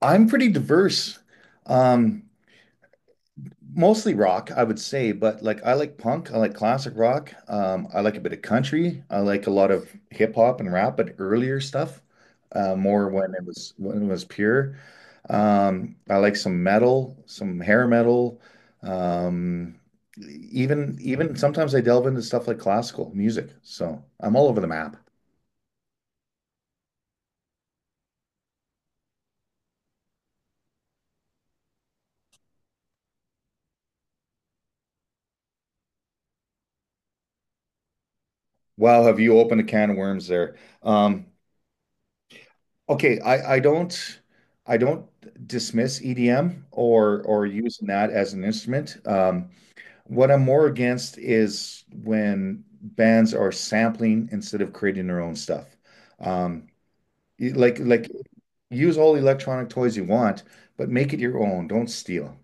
I'm pretty diverse. Um, Mostly rock, I would say, but like I like punk, I like classic rock. I like a bit of country. I like a lot of hip hop and rap, but earlier stuff, more when it was pure. I like some metal, some hair metal. Um, even sometimes I delve into stuff like classical music. So I'm all over the map. Wow, have you opened a can of worms there? Um, Okay, I don't dismiss EDM or using that as an instrument. What I'm more against is when bands are sampling instead of creating their own stuff. Um, like use all the electronic toys you want, but make it your own. Don't steal.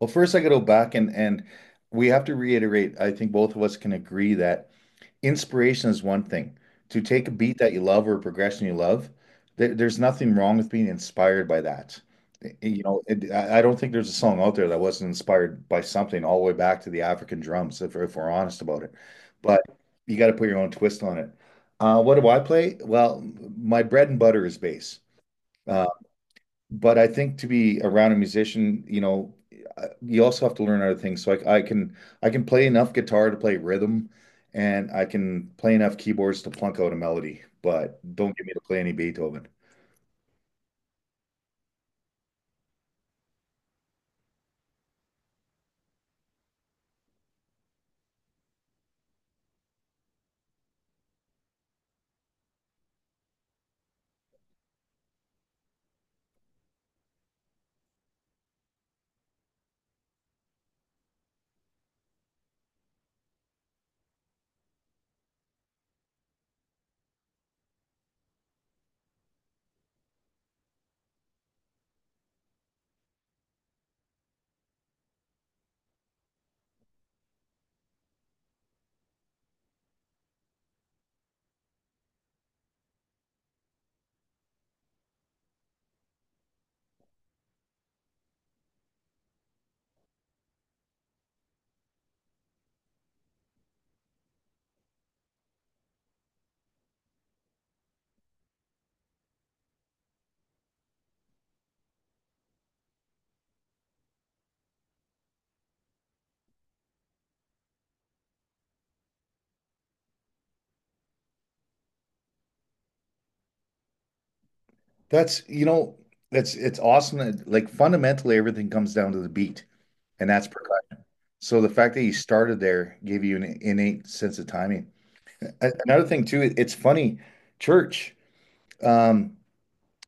Well, first I gotta go back and we have to reiterate. I think both of us can agree that inspiration is one thing. To take a beat that you love or a progression you love, there's nothing wrong with being inspired by that. I- You know, it, I don't think there's a song out there that wasn't inspired by something all the way back to the African drums, if we're honest about it. But you got to put your own twist on it. What do I play? Well, my bread and butter is bass. Uh, but I think to be around a musician, you know, you also have to learn other things. So I can play enough guitar to play rhythm, and I can play enough keyboards to plunk out a melody. But don't get me to play any Beethoven. That's you know, that's it's awesome that like fundamentally everything comes down to the beat, and that's percussion. So the fact that you started there gave you an innate sense of timing. Another thing too, it's funny, church. Um,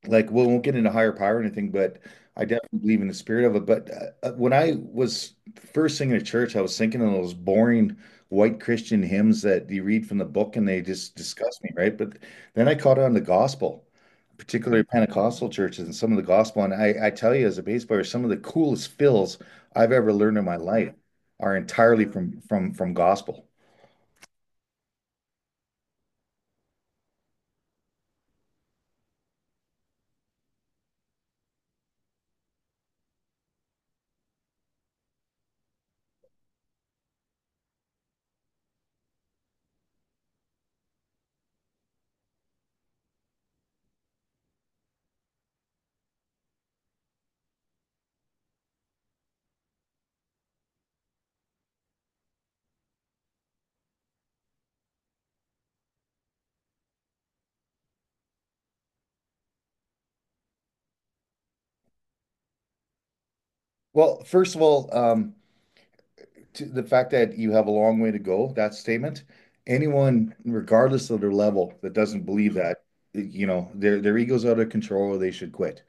like well, we won't get into higher power or anything, but I definitely believe in the spirit of it. But when I was first singing at church, I was thinking of those boring white Christian hymns that you read from the book and they just disgust me, right? But then I caught on the gospel, particularly Pentecostal churches and some of the gospel. And I tell you, as a bass player, some of the coolest fills I've ever learned in my life are entirely from gospel. Well, first of all, to the fact that you have a long way to go, that statement, anyone, regardless of their level, that doesn't believe that, you know, their ego's out of control or they should quit.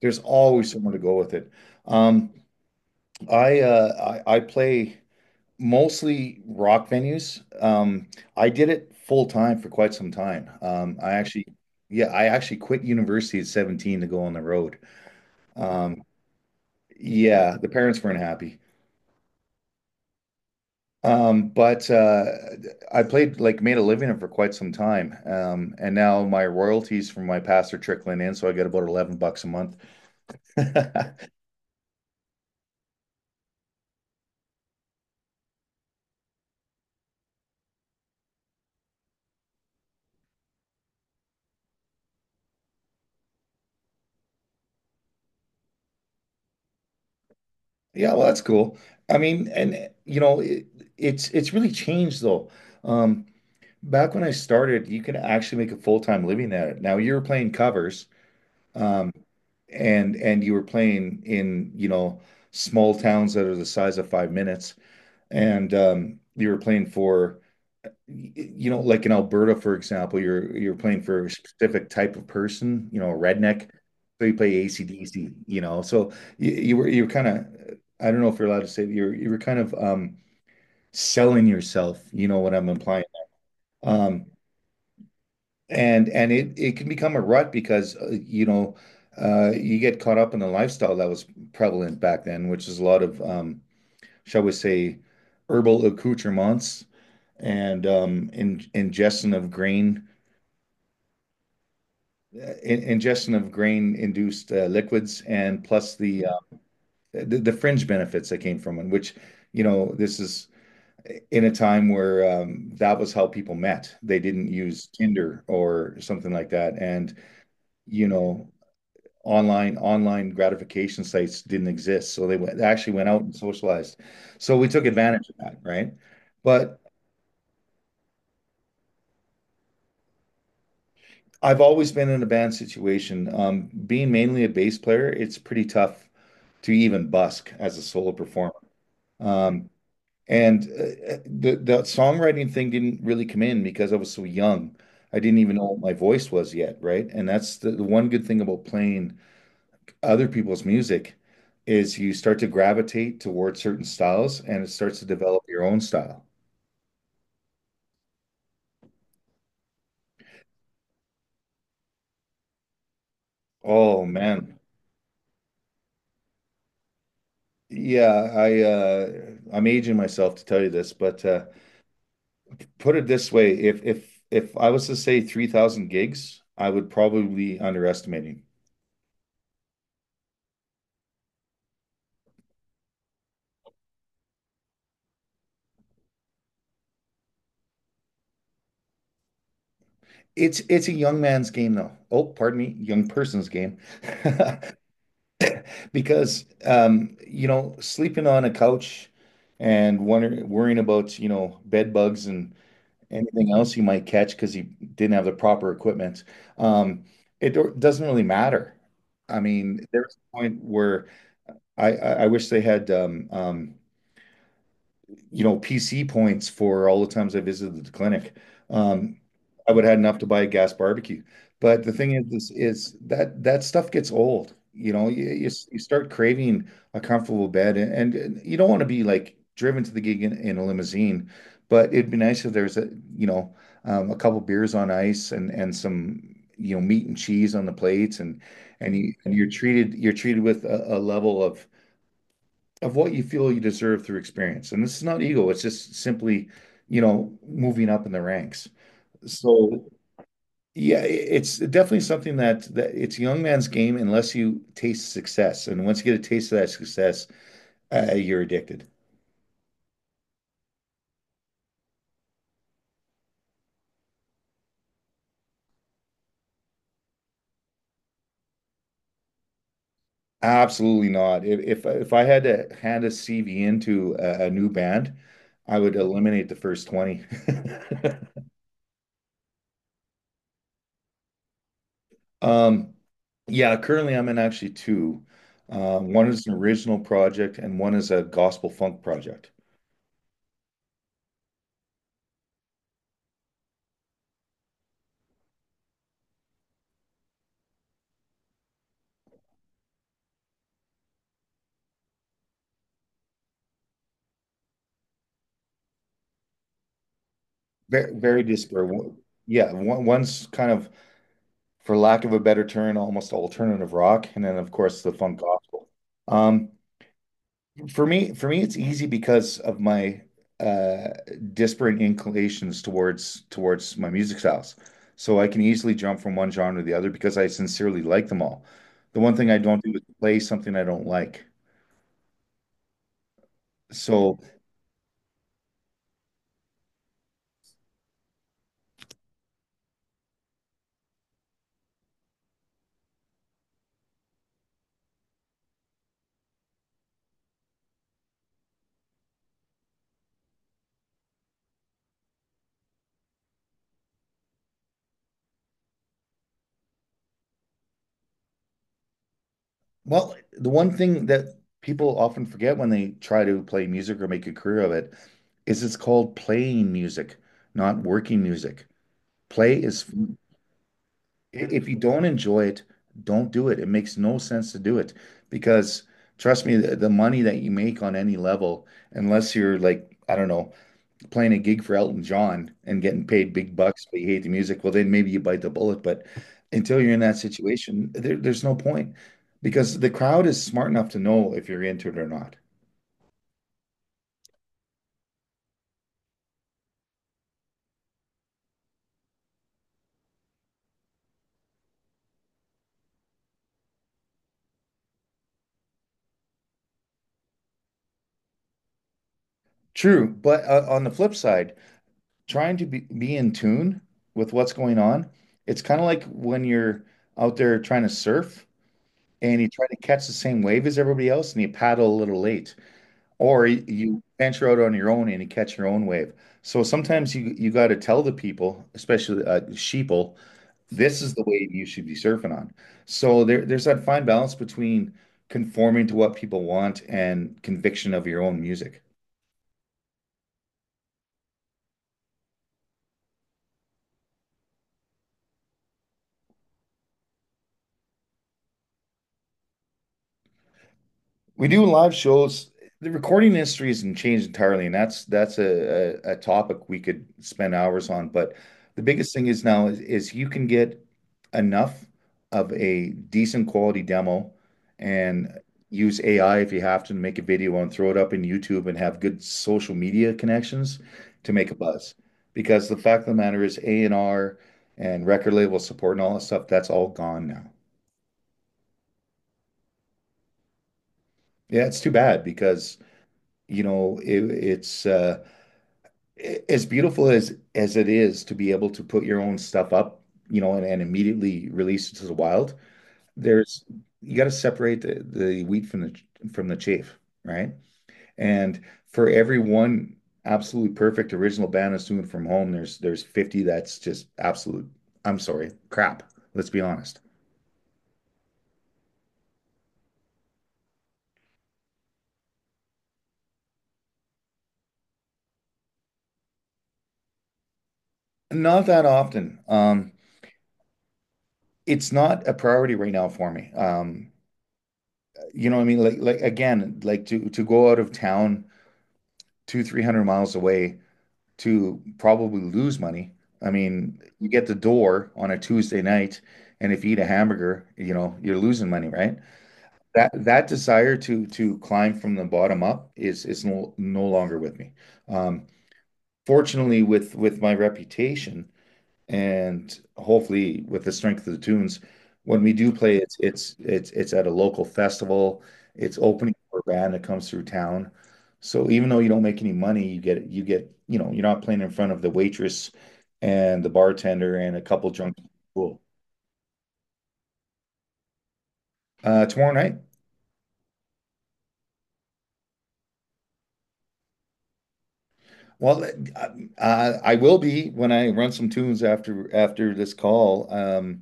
There's always someone to go with it. Um, I play mostly rock venues. I did it full time for quite some time. I actually quit university at 17 to go on the road. Um, yeah, the parents weren't happy. But I played, like, made a living for quite some time. And now my royalties from my past are trickling in, so I get about $11 a month. Yeah, well, that's cool. I mean, and you know, it's really changed though. Um, Back when I started, you could actually make a full-time living at it. Now you were playing covers, um, and you were playing in, you know, small towns that are the size of 5 minutes, and you were playing for you know, like in Alberta, for example, you're playing for a specific type of person, you know, a redneck. So you play ACDC, you know. So you, you were kind of, I don't know if you're allowed to say that you were kind of selling yourself, you know what I'm implying. Um and it it can become a rut because you know you get caught up in the lifestyle that was prevalent back then, which is a lot of shall we say herbal accoutrements and ingestion of grain in ingestion of grain-induced liquids and plus the fringe benefits that came from it, which, you know, this is in a time where that was how people met. They didn't use Tinder or something like that. And, you know, online gratification sites didn't exist. So they actually went out and socialized. So we took advantage of that, right? But I've always been in a band situation. Being mainly a bass player, it's pretty tough to even busk as a solo performer. Um, and the songwriting thing didn't really come in because I was so young. I didn't even know what my voice was yet, right? And that's the one good thing about playing other people's music is you start to gravitate towards certain styles and it starts to develop your own style. Oh man. Yeah, I'm aging myself to tell you this, but put it this way, if I was to say 3,000 gigs, I would probably be underestimating. It's a young man's game, though. Oh, pardon me, young person's game. Because, you know, sleeping on a couch and worrying about, you know, bed bugs and anything else you might catch because you didn't have the proper equipment, um, doesn't really matter. I mean, there's a point where I wish they had you know, PC points for all the times I visited the clinic. Um, I would have had enough to buy a gas barbecue. But The thing is that that stuff gets old. You know, you start craving a comfortable bed, and you don't want to be like driven to the gig in a limousine, but it'd be nice if there's a, you know, a couple beers on ice and some, you know, meat and cheese on the plates, and you're treated with a level of what you feel you deserve through experience. And this is not ego, it's just simply, you know, moving up in the ranks. So yeah, it's definitely something that it's a young man's game unless you taste success. And once you get a taste of that success, you're addicted. Absolutely not. If I had to hand a CV into a new band, I would eliminate the first 20. Um, yeah, currently I'm in actually two. One is an original project and one is a gospel funk project. Very, very disparate. One's kind of, for lack of a better term, almost alternative rock, and then of course the funk gospel. Um, for me, it's easy because of my uh, disparate inclinations towards my music styles. So I can easily jump from one genre to the other because I sincerely like them all. The one thing I don't do is play something I don't like. So, well, the one thing that people often forget when they try to play music or make a career of it is it's called playing music, not working music. Play is, if you don't enjoy it, don't do it. It makes no sense to do it because trust me, the money that you make on any level, unless you're like, I don't know, playing a gig for Elton John and getting paid big bucks, but you hate the music, well, then maybe you bite the bullet. But until you're in that situation, there's no point because the crowd is smart enough to know if you're into it or not. True, but on the flip side, trying to be in tune with what's going on, it's kind of like when you're out there trying to surf and you try to catch the same wave as everybody else and you paddle a little late. Or you venture out on your own and you catch your own wave. So sometimes you got to tell the people, especially sheeple, this is the wave you should be surfing on. So there's that fine balance between conforming to what people want and conviction of your own music. We do live shows. The recording industry hasn't changed entirely, and that's a, a topic we could spend hours on. But the biggest thing is now is you can get enough of a decent quality demo and use AI if you have to make a video and throw it up in YouTube and have good social media connections to make a buzz. Because the fact of the matter is A&R and R and record label support and all that stuff, that's all gone now. Yeah, it's too bad because, it's as beautiful as it is to be able to put your own stuff up, and immediately release it to the wild, there's you got to separate the wheat from the chaff, right? And for every one absolutely perfect original Banassoon from home, there's 50 that's just absolute, I'm sorry, crap. Let's be honest. Not that often. It's not a priority right now for me. You know what I mean? Like again, like to go out of town two, 300 miles away to probably lose money. I mean, you get the door on a Tuesday night, and if you eat a hamburger, you know, you're losing money, right? That desire to climb from the bottom up is no longer with me. Um, fortunately, with my reputation, and hopefully, with the strength of the tunes, when we do play, it's at a local festival. It's opening for a band that comes through town. So even though you don't make any money, you get, you know, you're not playing in front of the waitress and the bartender and a couple drunk people. Tomorrow night. Well, I will be when I run some tunes after this call.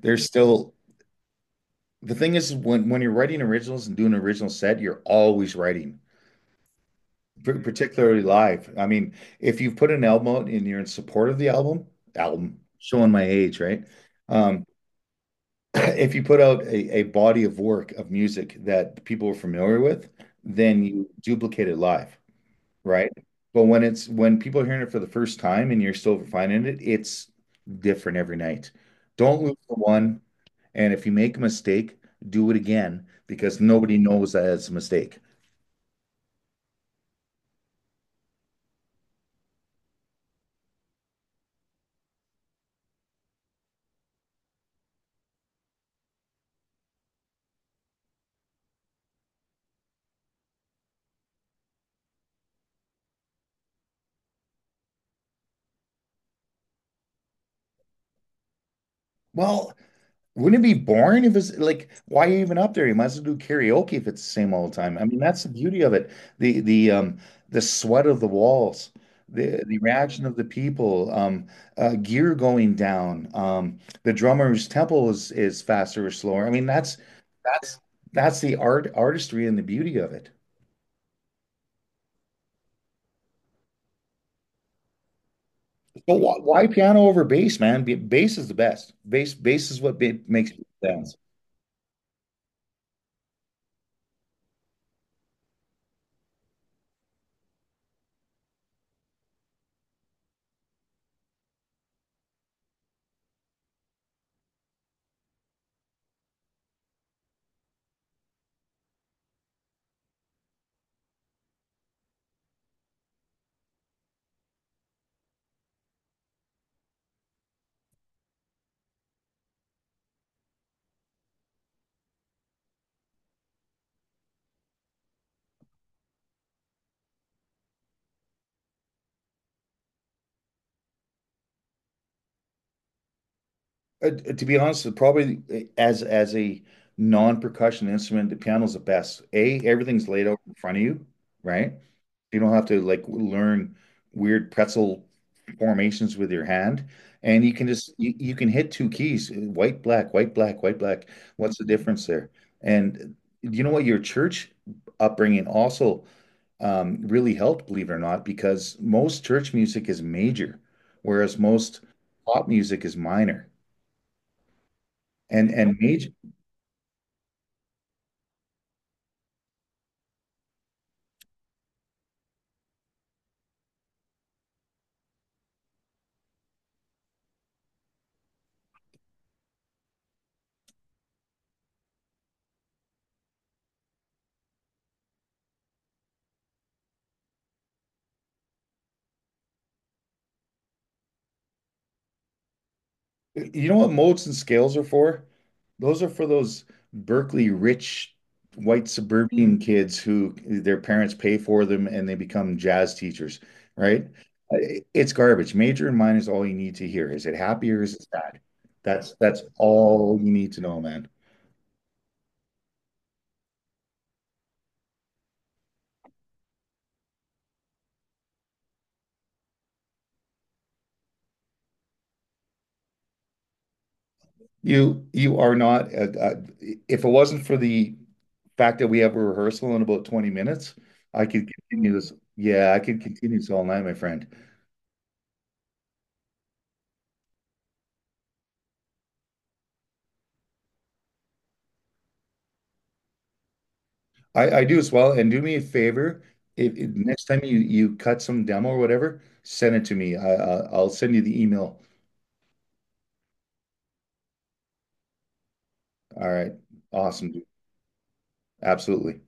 There's still the thing is when you're writing originals and doing an original set, you're always writing, particularly live. I mean, if you've put an album out and you're in support of the album, album, showing my age, right? Um, if you put out a body of work of music that people are familiar with, then you duplicate it live, right? But when it's when people are hearing it for the first time and you're still refining it, it's different every night. Don't lose the one. And if you make a mistake, do it again because nobody knows that it's a mistake. Well, wouldn't it be boring if it's like why are you even up there? You might as well do karaoke if it's the same all the time. I mean, that's the beauty of it. The the sweat of the walls, the reaction of the people, um, gear going down, um, the drummer's tempo is faster or slower. I mean, that's that's the artistry and the beauty of it. So why piano over bass, man? Bass is the best. Bass is what makes people dance. To be honest, probably as a non-percussion instrument, the piano's the best. A, everything's laid out in front of you, right? You don't have to like learn weird pretzel formations with your hand, and you can just you can hit two keys, white, black, white, black, white, black. What's the difference there? And you know what? Your church upbringing also really helped, believe it or not, because most church music is major, whereas most pop music is minor. And major, you know what modes and scales are for? Those are for those Berkeley rich white suburban kids who their parents pay for them and they become jazz teachers, right? Uh, it's garbage. Major and minor is all you need to hear. Is it happy or is it sad? That's all you need to know, man. You are not. If it wasn't for the fact that we have a rehearsal in about 20 minutes, I could continue this. Yeah, I could continue this all night, my friend. I do as well. And do me a favor, if, Mhm, next time you cut some demo or whatever, send it to me. I'll send you the email. All right. Awesome, dude. Absolutely.